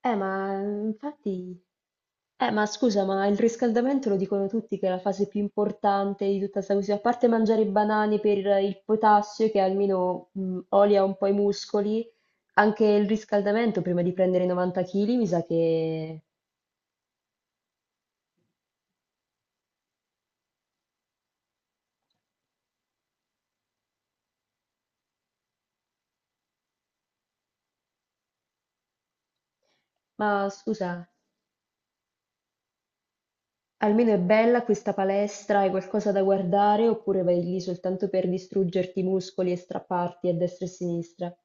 Infatti, ma scusa, ma il riscaldamento lo dicono tutti che è la fase più importante di tutta questa questione, a parte mangiare i banani per il potassio che almeno olia un po' i muscoli, anche il riscaldamento prima di prendere i 90 kg mi sa che... Ma scusa, almeno è bella questa palestra, hai qualcosa da guardare oppure vai lì soltanto per distruggerti i muscoli e strapparti a destra e a sinistra?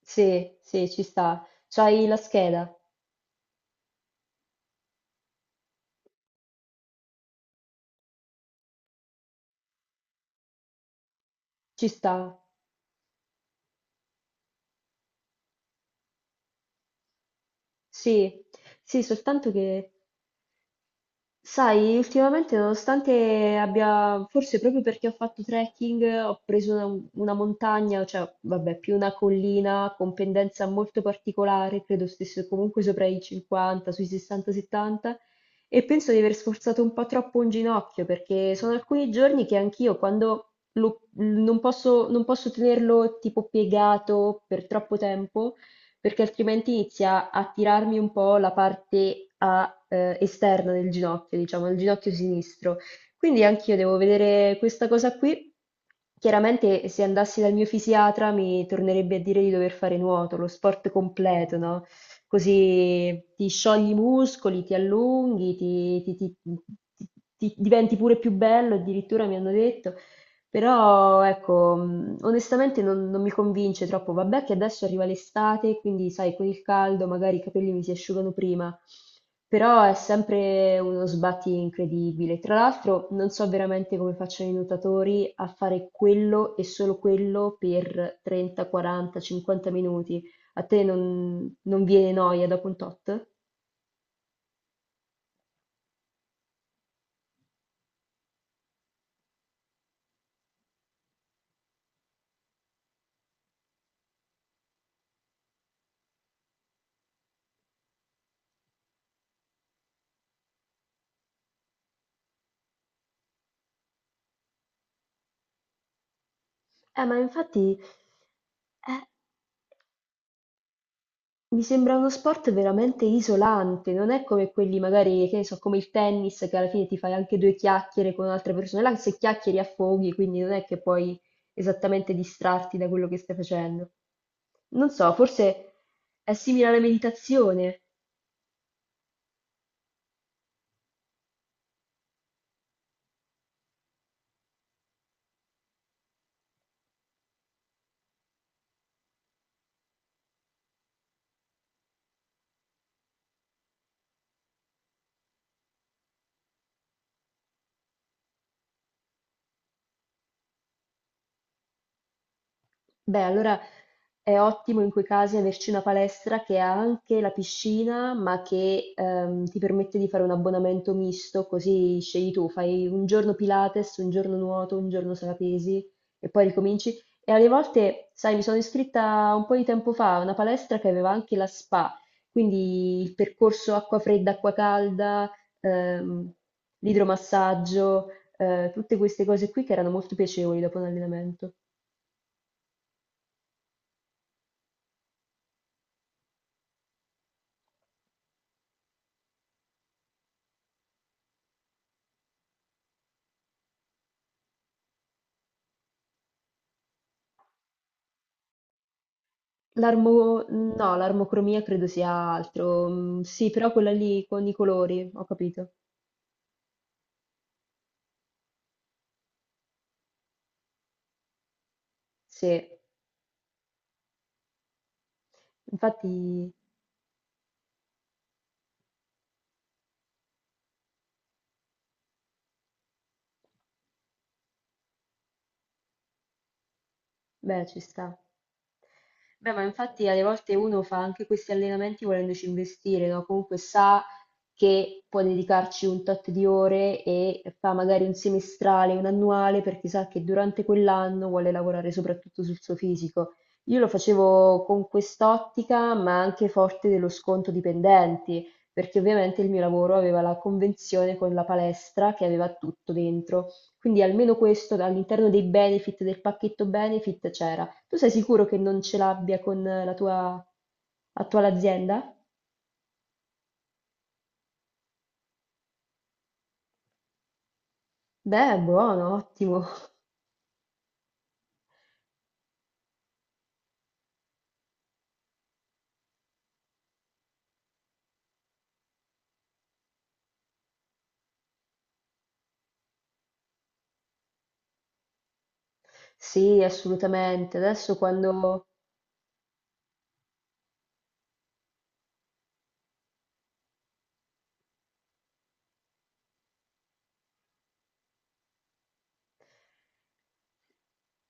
Sì, sì, ci sta. C'hai la scheda? Ci sta. Sì, sì, soltanto che, sai, ultimamente nonostante abbia, forse proprio perché ho fatto trekking, ho preso una montagna, cioè, vabbè, più una collina con pendenza molto particolare, credo stesse comunque sopra i 50, sui 60-70, e penso di aver sforzato un po' troppo un ginocchio, perché sono alcuni giorni che anch'io, quando non posso tenerlo tipo piegato per troppo tempo, perché altrimenti inizia a tirarmi un po' la parte a, esterna del ginocchio, diciamo, il ginocchio sinistro. Quindi anch'io devo vedere questa cosa qui. Chiaramente se andassi dal mio fisiatra mi tornerebbe a dire di dover fare nuoto, lo sport completo, no? Così ti sciogli i muscoli, ti allunghi, ti diventi pure più bello, addirittura mi hanno detto. Però ecco, onestamente non mi convince troppo. Vabbè che adesso arriva l'estate, quindi sai, con il caldo magari i capelli mi si asciugano prima, però è sempre uno sbatti incredibile. Tra l'altro non so veramente come facciano i nuotatori a fare quello e solo quello per 30, 40, 50 minuti. A te non viene noia dopo un tot? Eh, ma infatti... Mi sembra uno sport veramente isolante, non è come quelli magari, che ne so, come il tennis, che alla fine ti fai anche due chiacchiere con altre persone. Là se chiacchieri affoghi, quindi non è che puoi esattamente distrarti da quello che stai facendo. Non so, forse è simile alla meditazione. Beh, allora è ottimo in quei casi averci una palestra che ha anche la piscina, ma che ti permette di fare un abbonamento misto, così scegli tu, fai un giorno Pilates, un giorno nuoto, un giorno sala pesi e poi ricominci. E alle volte, sai, mi sono iscritta un po' di tempo fa a una palestra che aveva anche la spa, quindi il percorso acqua fredda, acqua calda, ehm, l'idromassaggio, tutte queste cose qui che erano molto piacevoli dopo un allenamento. No, l'armocromia credo sia altro. Mm. Sì, però quella lì con i colori, ho capito. Sì, infatti, beh, ci sta. Beh, ma infatti alle volte uno fa anche questi allenamenti volendoci investire, no? Comunque sa che può dedicarci un tot di ore e fa magari un semestrale, un annuale, perché sa che durante quell'anno vuole lavorare soprattutto sul suo fisico. Io lo facevo con quest'ottica, ma anche forte dello sconto dipendenti, perché ovviamente il mio lavoro aveva la convenzione con la palestra che aveva tutto dentro. Quindi almeno questo all'interno dei benefit, del pacchetto benefit c'era. Tu sei sicuro che non ce l'abbia con la tua attuale azienda? Beh, buono, ottimo. Sì, assolutamente. Adesso quando...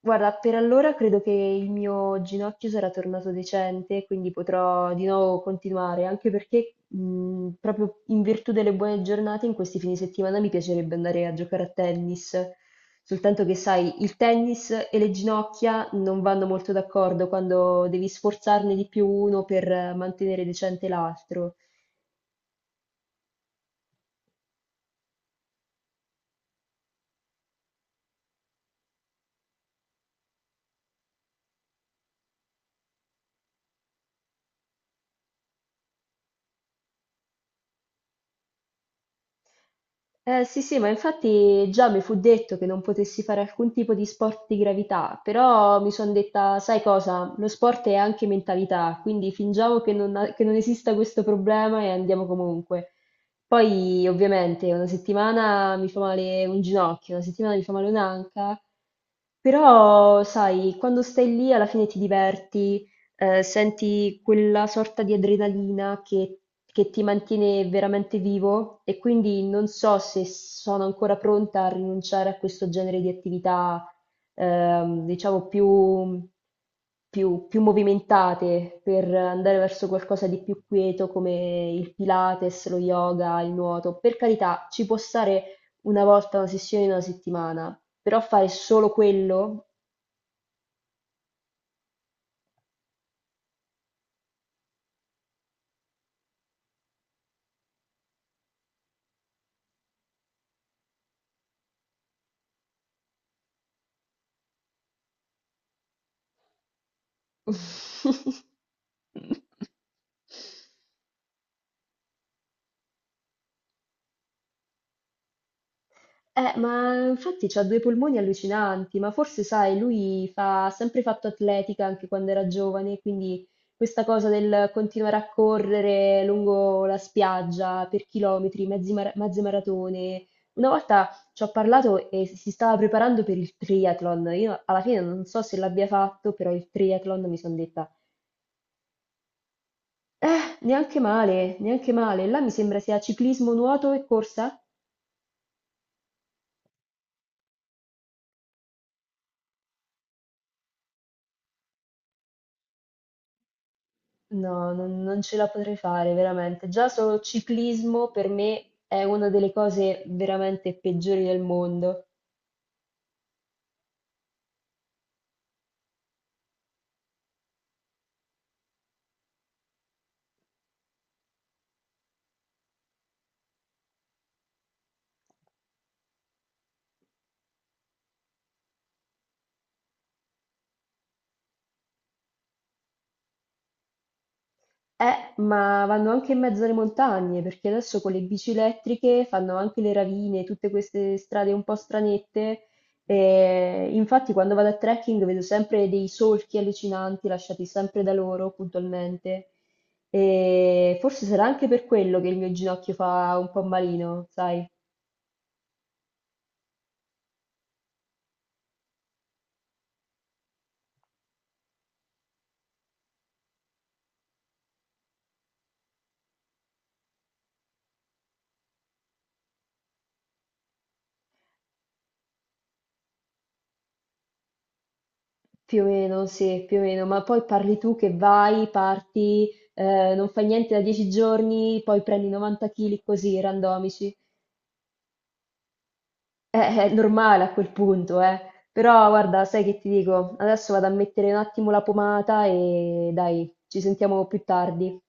Guarda, per allora credo che il mio ginocchio sarà tornato decente, quindi potrò di nuovo continuare, anche perché proprio in virtù delle buone giornate in questi fine settimana mi piacerebbe andare a giocare a tennis, soltanto che sai, il tennis e le ginocchia non vanno molto d'accordo quando devi sforzarne di più uno per mantenere decente l'altro. Sì, sì, ma infatti già mi fu detto che non potessi fare alcun tipo di sport di gravità, però mi sono detta, sai cosa, lo sport è anche mentalità, quindi fingiamo che non esista questo problema e andiamo comunque. Poi, ovviamente, una settimana mi fa male un ginocchio, una settimana mi fa male un'anca, però, sai, quando stai lì alla fine ti diverti, senti quella sorta di adrenalina che ti mantiene veramente vivo e quindi non so se sono ancora pronta a rinunciare a questo genere di attività, diciamo, più movimentate per andare verso qualcosa di più quieto come il Pilates, lo yoga, il nuoto. Per carità, ci può stare una volta, una sessione in una settimana, però fare solo quello? Ma infatti ha due polmoni allucinanti, ma forse sai, ha sempre fatto atletica anche quando era giovane, quindi questa cosa del continuare a correre lungo la spiaggia per chilometri, mezze maratone. Una volta ci ho parlato e si stava preparando per il triathlon. Io alla fine non so se l'abbia fatto, però il triathlon mi sono detta. Neanche male, neanche male. Là mi sembra sia ciclismo, nuoto e corsa. No, non ce la potrei fare, veramente. Già solo ciclismo per me è una delle cose veramente peggiori del mondo. Ma vanno anche in mezzo alle montagne, perché adesso con le bici elettriche fanno anche le ravine, tutte queste strade un po' stranette. E infatti, quando vado a trekking vedo sempre dei solchi allucinanti lasciati sempre da loro puntualmente. E forse sarà anche per quello che il mio ginocchio fa un po' malino, sai? Più o meno, sì, più o meno. Ma poi parli tu che parti, non fai niente da 10 giorni, poi prendi 90 kg così, randomici. È normale a quel punto, eh. Però guarda, sai che ti dico? Adesso vado a mettere un attimo la pomata e dai, ci sentiamo più tardi.